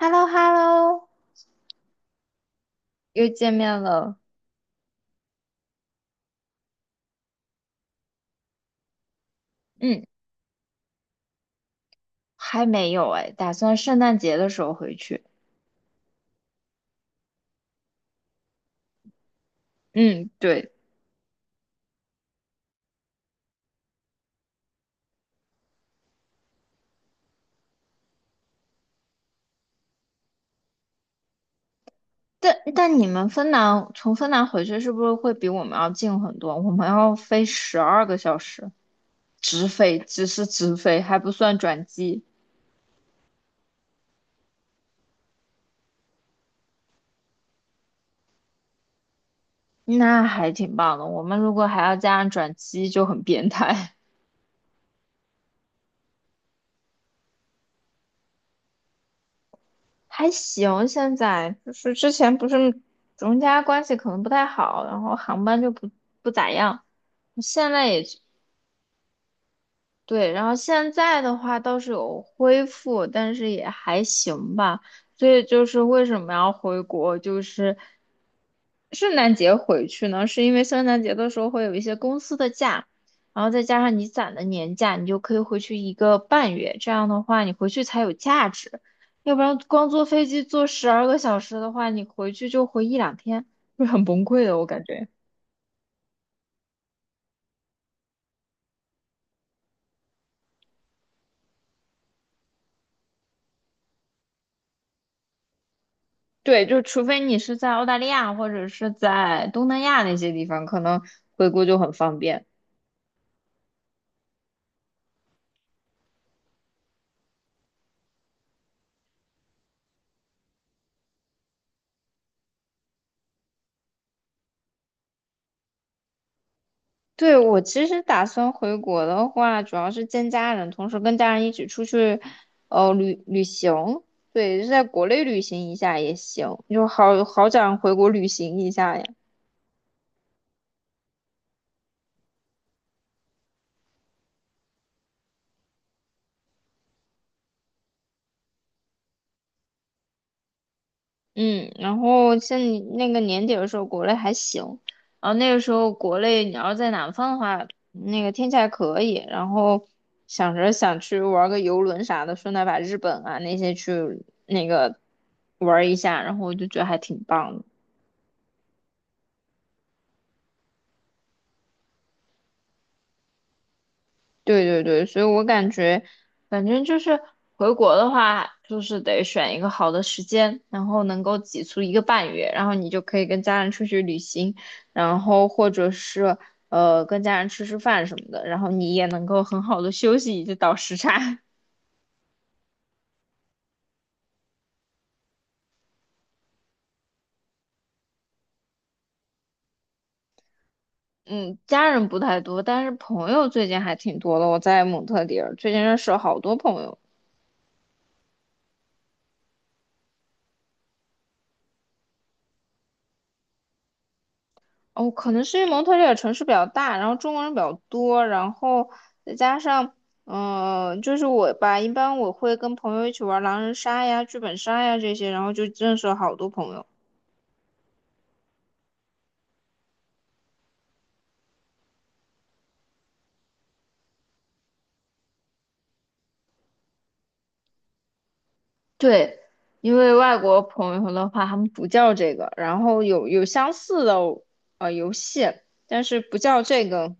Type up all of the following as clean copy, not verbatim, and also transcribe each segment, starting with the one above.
h e l l o h e l l o 又见面了。嗯，还没有哎，打算圣诞节的时候回去。嗯，对。但你们芬兰从芬兰回去是不是会比我们要近很多？我们要飞十二个小时，直飞，只是直飞，还不算转机，那还挺棒的。我们如果还要加上转机，就很变态。还行，现在就是之前不是中加关系可能不太好，然后航班就不咋样。现在也对，然后现在的话倒是有恢复，但是也还行吧。所以就是为什么要回国，就是圣诞节回去呢？是因为圣诞节的时候会有一些公司的假，然后再加上你攒的年假，你就可以回去一个半月。这样的话，你回去才有价值，要不然光坐飞机坐十二个小时的话，你回去就回一两天，会很崩溃的，我感觉。对，就除非你是在澳大利亚或者是在东南亚那些地方，可能回国就很方便。对，我其实打算回国的话，主要是见家人，同时跟家人一起出去，旅行。对，就在国内旅行一下也行，就好好想回国旅行一下呀。嗯，然后像你那个年底的时候，国内还行，然后那个时候国内你要在南方的话，那个天气还可以，然后想着想去玩个游轮啥的，顺带把日本啊那些去那个玩一下，然后我就觉得还挺棒的。对对对，所以我感觉，反正就是回国的话，就是得选一个好的时间，然后能够挤出一个半月，然后你就可以跟家人出去旅行，然后或者是跟家人吃吃饭什么的，然后你也能够很好的休息以及倒时差。嗯，家人不太多，但是朋友最近还挺多的。我在蒙特利尔，最近认识了好多朋友。哦，可能是因为蒙特利尔城市比较大，然后中国人比较多，然后再加上，就是我吧，一般我会跟朋友一起玩狼人杀呀、剧本杀呀这些，然后就认识了好多朋友。对，因为外国朋友的话，他们不叫这个，然后有相似的游戏，但是不叫这个。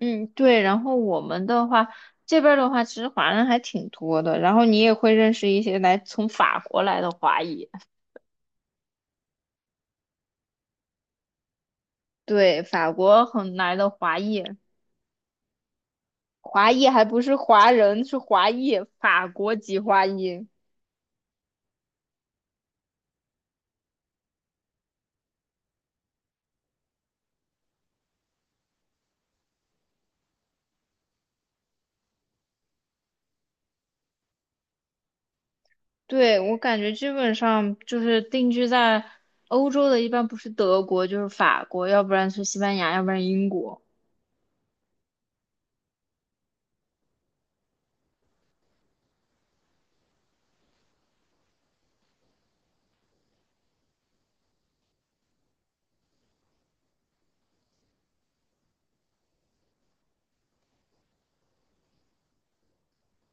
嗯，对。然后我们的话，这边儿的话，其实华人还挺多的，然后你也会认识一些来从法国来的华裔。对，法国很来的华裔，华裔还不是华人，是华裔，法国籍华裔。对，我感觉基本上就是定居在欧洲的，一般不是德国就是法国，要不然是西班牙，要不然英国。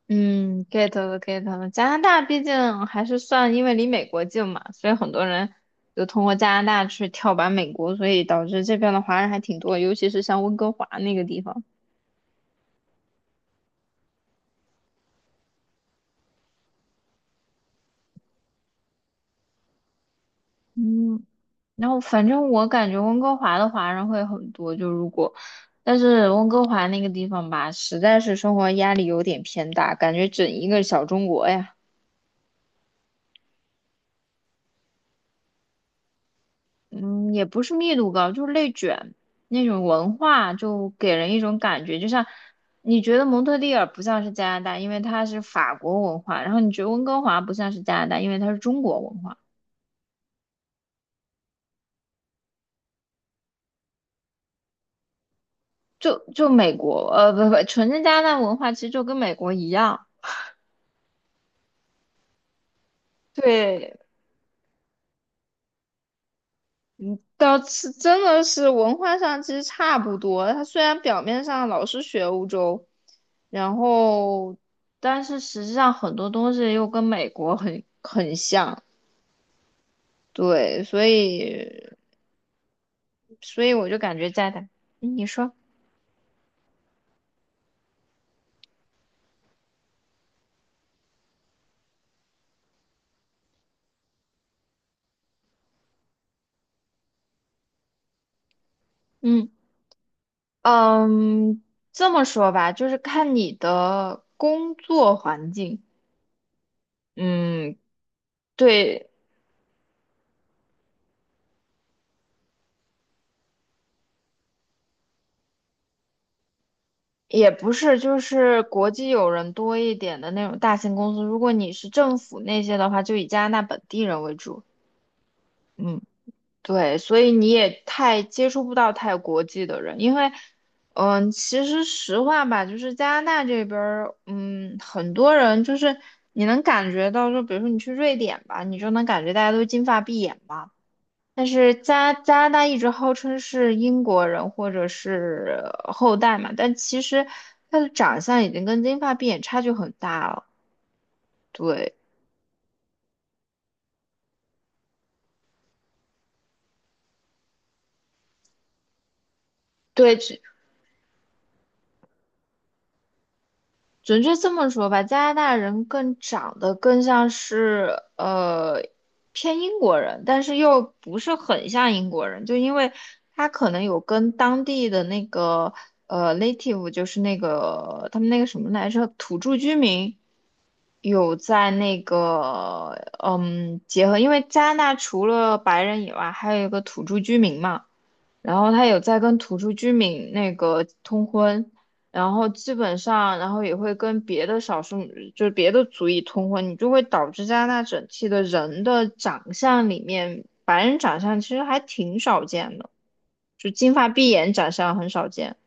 嗯，get 了，get 了。加拿大毕竟还是算，因为离美国近嘛，所以很多人就通过加拿大去跳板美国，所以导致这边的华人还挺多，尤其是像温哥华那个地方。嗯，然后反正我感觉温哥华的华人会很多，就如果，但是温哥华那个地方吧，实在是生活压力有点偏大，感觉整一个小中国呀，嗯，也不是密度高，就是内卷那种文化，就给人一种感觉，就像你觉得蒙特利尔不像是加拿大，因为它是法国文化，然后你觉得温哥华不像是加拿大，因为它是中国文化，就就美国，呃，不不，纯正加拿大文化其实就跟美国一样。对，倒是真的是文化上其实差不多。他虽然表面上老是学欧洲，然后但是实际上很多东西又跟美国很像。对，所以我就感觉在的，你说，嗯嗯，这么说吧，就是看你的工作环境。嗯，对，也不是，就是国际友人多一点的那种大型公司。如果你是政府那些的话，就以加拿大本地人为主。嗯，对，所以你也太接触不到太国际的人，因为，嗯，其实实话吧，就是加拿大这边儿，嗯，很多人就是你能感觉到，就比如说你去瑞典吧，你就能感觉大家都金发碧眼嘛。但是加拿大一直号称是英国人或者是后代嘛，但其实他的长相已经跟金发碧眼差距很大了。对，对，准确这么说吧，加拿大人更长得更像是呃偏英国人，但是又不是很像英国人，就因为他可能有跟当地的那个native，就是那个他们那个什么来着，土著居民有在那个结合，因为加拿大除了白人以外，还有一个土著居民嘛。然后他有在跟土著居民那个通婚，然后基本上，然后也会跟别的少数，就是别的族裔通婚，你就会导致加拿大整体的人的长相里面，白人长相其实还挺少见的，就金发碧眼长相很少见。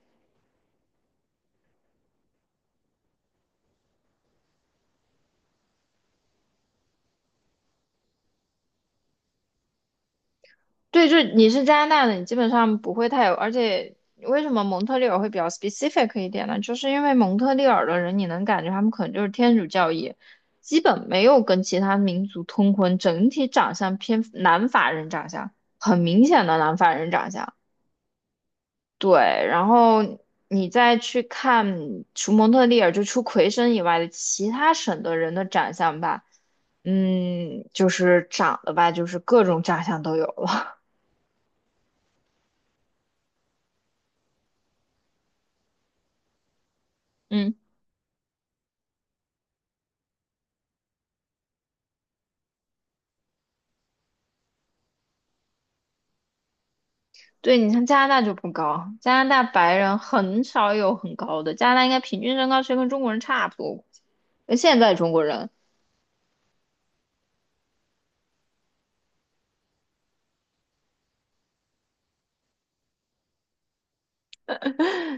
对，就是你是加拿大的，你基本上不会太有，而且为什么蒙特利尔会比较 specific 一点呢？就是因为蒙特利尔的人，你能感觉他们可能就是天主教义，基本没有跟其他民族通婚，整体长相偏南法人长相，很明显的南法人长相。对，然后你再去看除蒙特利尔就除魁省以外的其他省的人的长相吧，嗯，就是长得吧，就是各种长相都有了，嗯。对，你像加拿大就不高，加拿大白人很少有很高的，加拿大应该平均身高其实跟中国人差不多。那现在中国人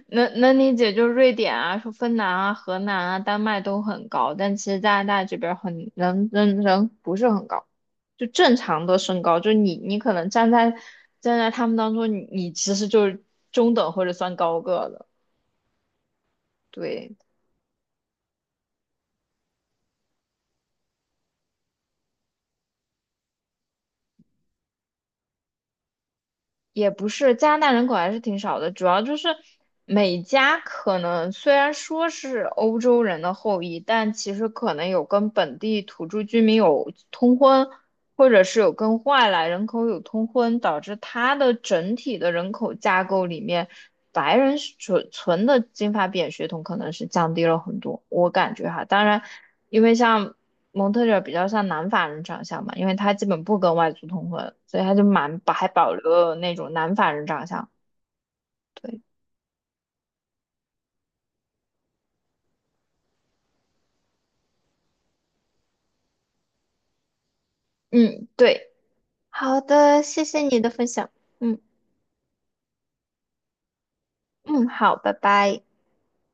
能能理解，就是瑞典啊、说芬兰啊、荷兰啊、丹麦都很高，但其实加拿大这边很人不是很高，就正常的身高，就你可能站在他们当中，你其实就是中等或者算高个的，对。也不是，加拿大人口还是挺少的，主要就是每家可能虽然说是欧洲人的后裔，但其实可能有跟本地土著居民有通婚，或者是有跟外来人口有通婚，导致它的整体的人口架构里面。白人纯纯的金发碧眼血统可能是降低了很多，我感觉哈。当然，因为像蒙特利尔比较像南法人长相嘛，因为他基本不跟外族通婚，所以他就蛮还保留了那种南法人长相。对，嗯，对，好的，谢谢你的分享。嗯嗯，好，拜拜。